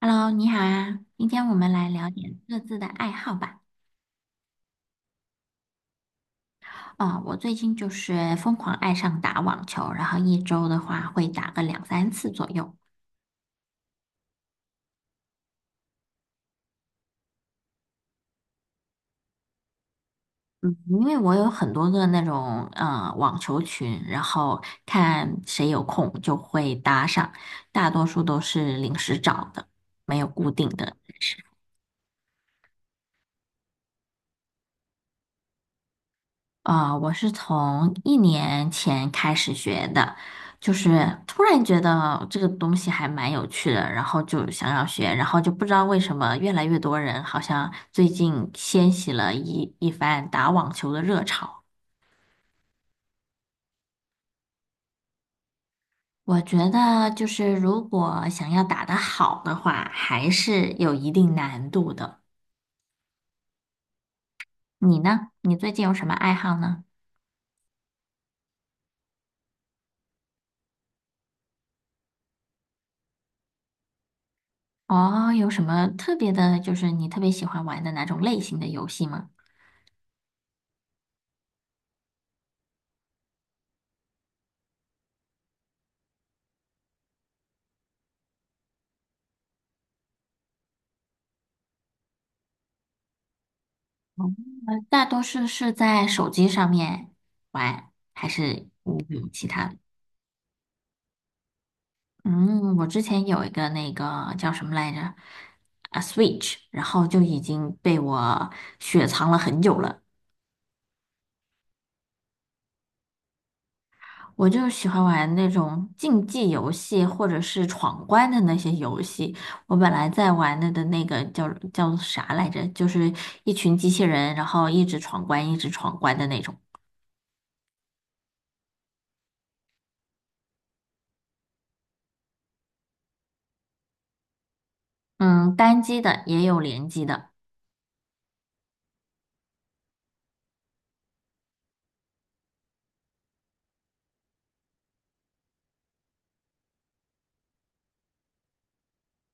Hello，你好啊！今天我们来聊点各自的爱好吧。哦，我最近就是疯狂爱上打网球，然后一周的话会打个两三次左右。嗯，因为我有很多个那种网球群，然后看谁有空就会搭上，大多数都是临时找的，没有固定的。啊，我是从一年前开始学的，就是突然觉得这个东西还蛮有趣的，然后就想要学，然后就不知道为什么越来越多人好像最近掀起了一番打网球的热潮。我觉得就是如果想要打得好的话，还是有一定难度的。你呢？你最近有什么爱好呢？哦，有什么特别的，就是你特别喜欢玩的哪种类型的游戏吗？大多数是在手机上面玩，还是你有其他的？嗯，我之前有一个那个叫什么来着？啊，Switch，然后就已经被我雪藏了很久了。我就喜欢玩那种竞技游戏或者是闯关的那些游戏。我本来在玩的那个叫啥来着？就是一群机器人，然后一直闯关，一直闯关的那种。嗯，单机的也有联机的。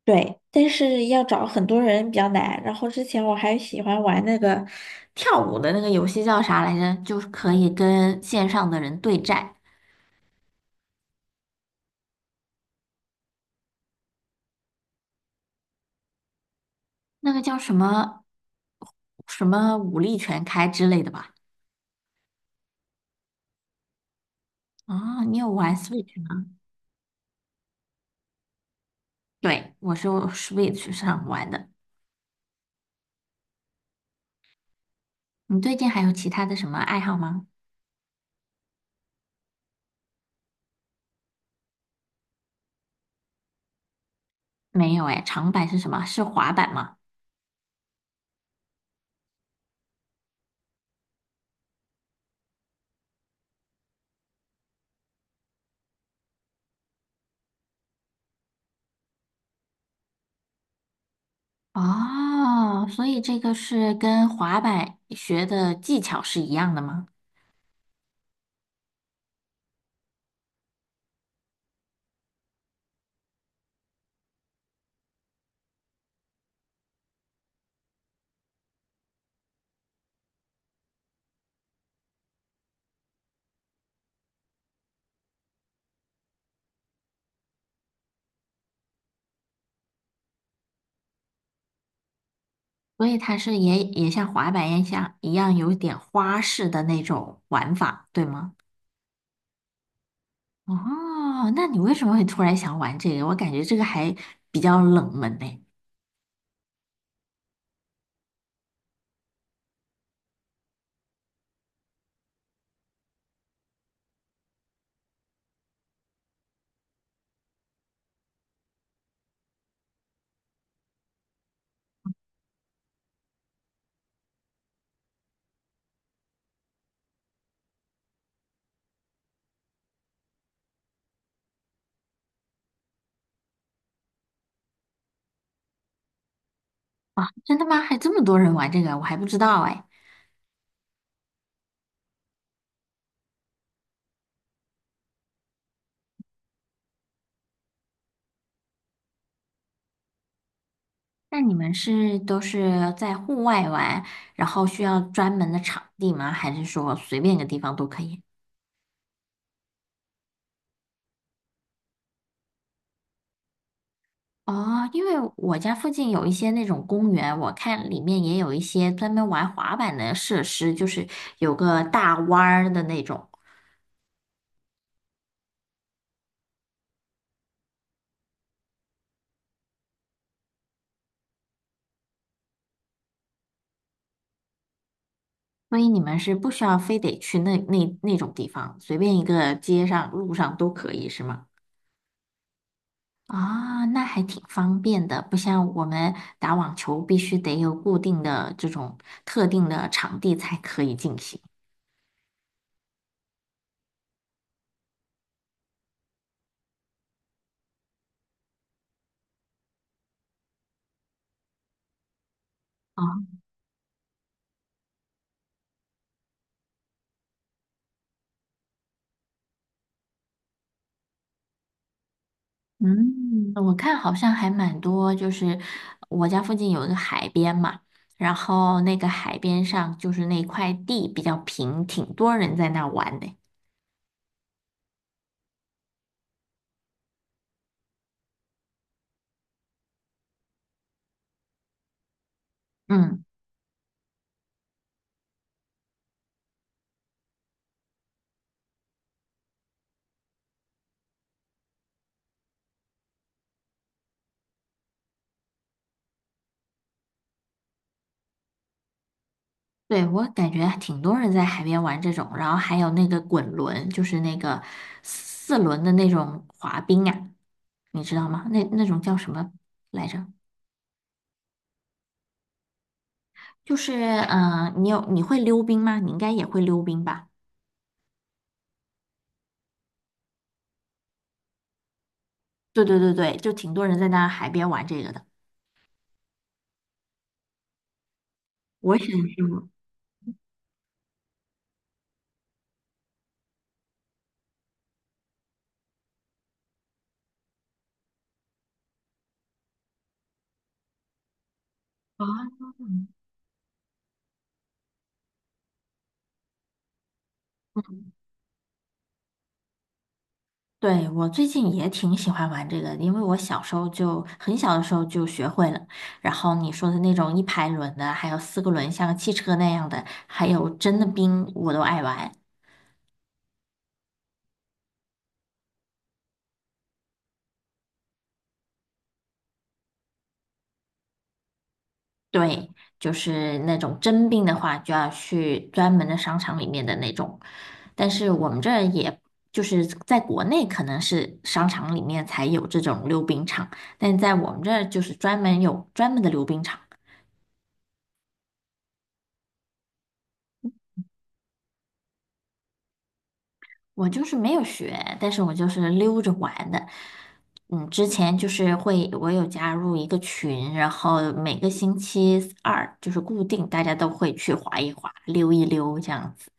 对，但是要找很多人比较难。然后之前我还喜欢玩那个跳舞的那个游戏叫啥来着？就是可以跟线上的人对战，那个叫什么什么武力全开之类的吧？啊，你有玩 Switch 吗？对，我是用 Switch 上玩的。你最近还有其他的什么爱好吗？没有哎，长板是什么？是滑板吗？哦，所以这个是跟滑板学的技巧是一样的吗？所以它是也像滑板一样有点花式的那种玩法，对吗？哦，那你为什么会突然想玩这个？我感觉这个还比较冷门呢。啊，真的吗？还这么多人玩这个，我还不知道哎。那你们是都是在户外玩，然后需要专门的场地吗？还是说随便一个地方都可以？哦，因为我家附近有一些那种公园，我看里面也有一些专门玩滑板的设施，就是有个大弯儿的那种。所以你们是不需要非得去那种地方，随便一个街上、路上都可以，是吗？啊，那还挺方便的，不像我们打网球必须得有固定的这种特定的场地才可以进行。啊，嗯，我看好像还蛮多，就是我家附近有一个海边嘛，然后那个海边上就是那块地比较平，挺多人在那玩的。嗯。对，我感觉挺多人在海边玩这种，然后还有那个滚轮，就是那个四轮的那种滑冰啊，你知道吗？那那种叫什么来着？就是你会溜冰吗？你应该也会溜冰吧？对对对对，就挺多人在那海边玩这个的。我也想去玩啊，对，我最近也挺喜欢玩这个的因为我小时候就很小的时候就学会了。然后你说的那种一排轮的，还有四个轮像个汽车那样的，还有真的冰，我都爱玩。对，就是那种真冰的话，就要去专门的商场里面的那种。但是我们这儿也就是在国内可能是商场里面才有这种溜冰场，但在我们这儿就是专门有专门的溜冰场。我就是没有学，但是我就是溜着玩的。嗯，之前就是会，我有加入一个群，然后每个星期二就是固定，大家都会去滑一滑、溜一溜这样子。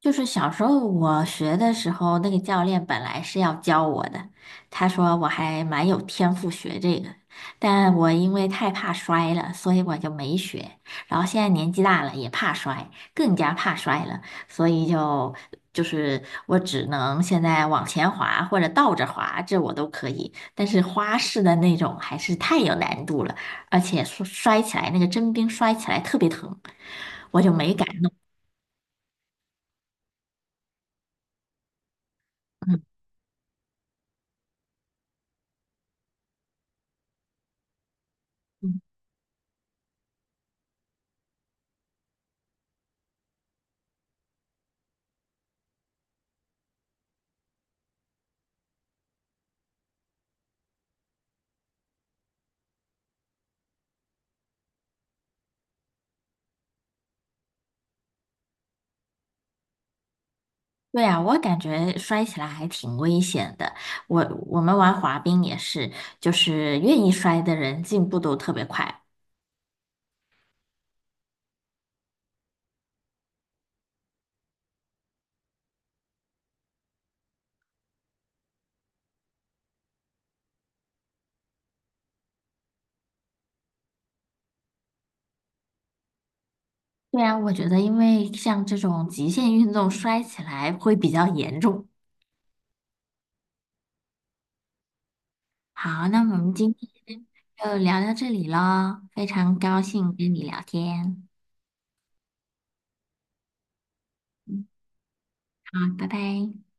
就是小时候我学的时候，那个教练本来是要教我的，他说我还蛮有天赋学这个，但我因为太怕摔了，所以我就没学。然后现在年纪大了，也怕摔，更加怕摔了，所以就是我只能现在往前滑或者倒着滑，这我都可以，但是花式的那种还是太有难度了，而且摔起来那个真冰摔起来特别疼，我就没敢。对啊，我感觉摔起来还挺危险的。我我们玩滑冰也是，就是愿意摔的人进步都特别快。对啊，我觉得因为像这种极限运动摔起来会比较严重。好，那我们今天就聊到这里喽，非常高兴跟你聊天。嗯，好，拜拜。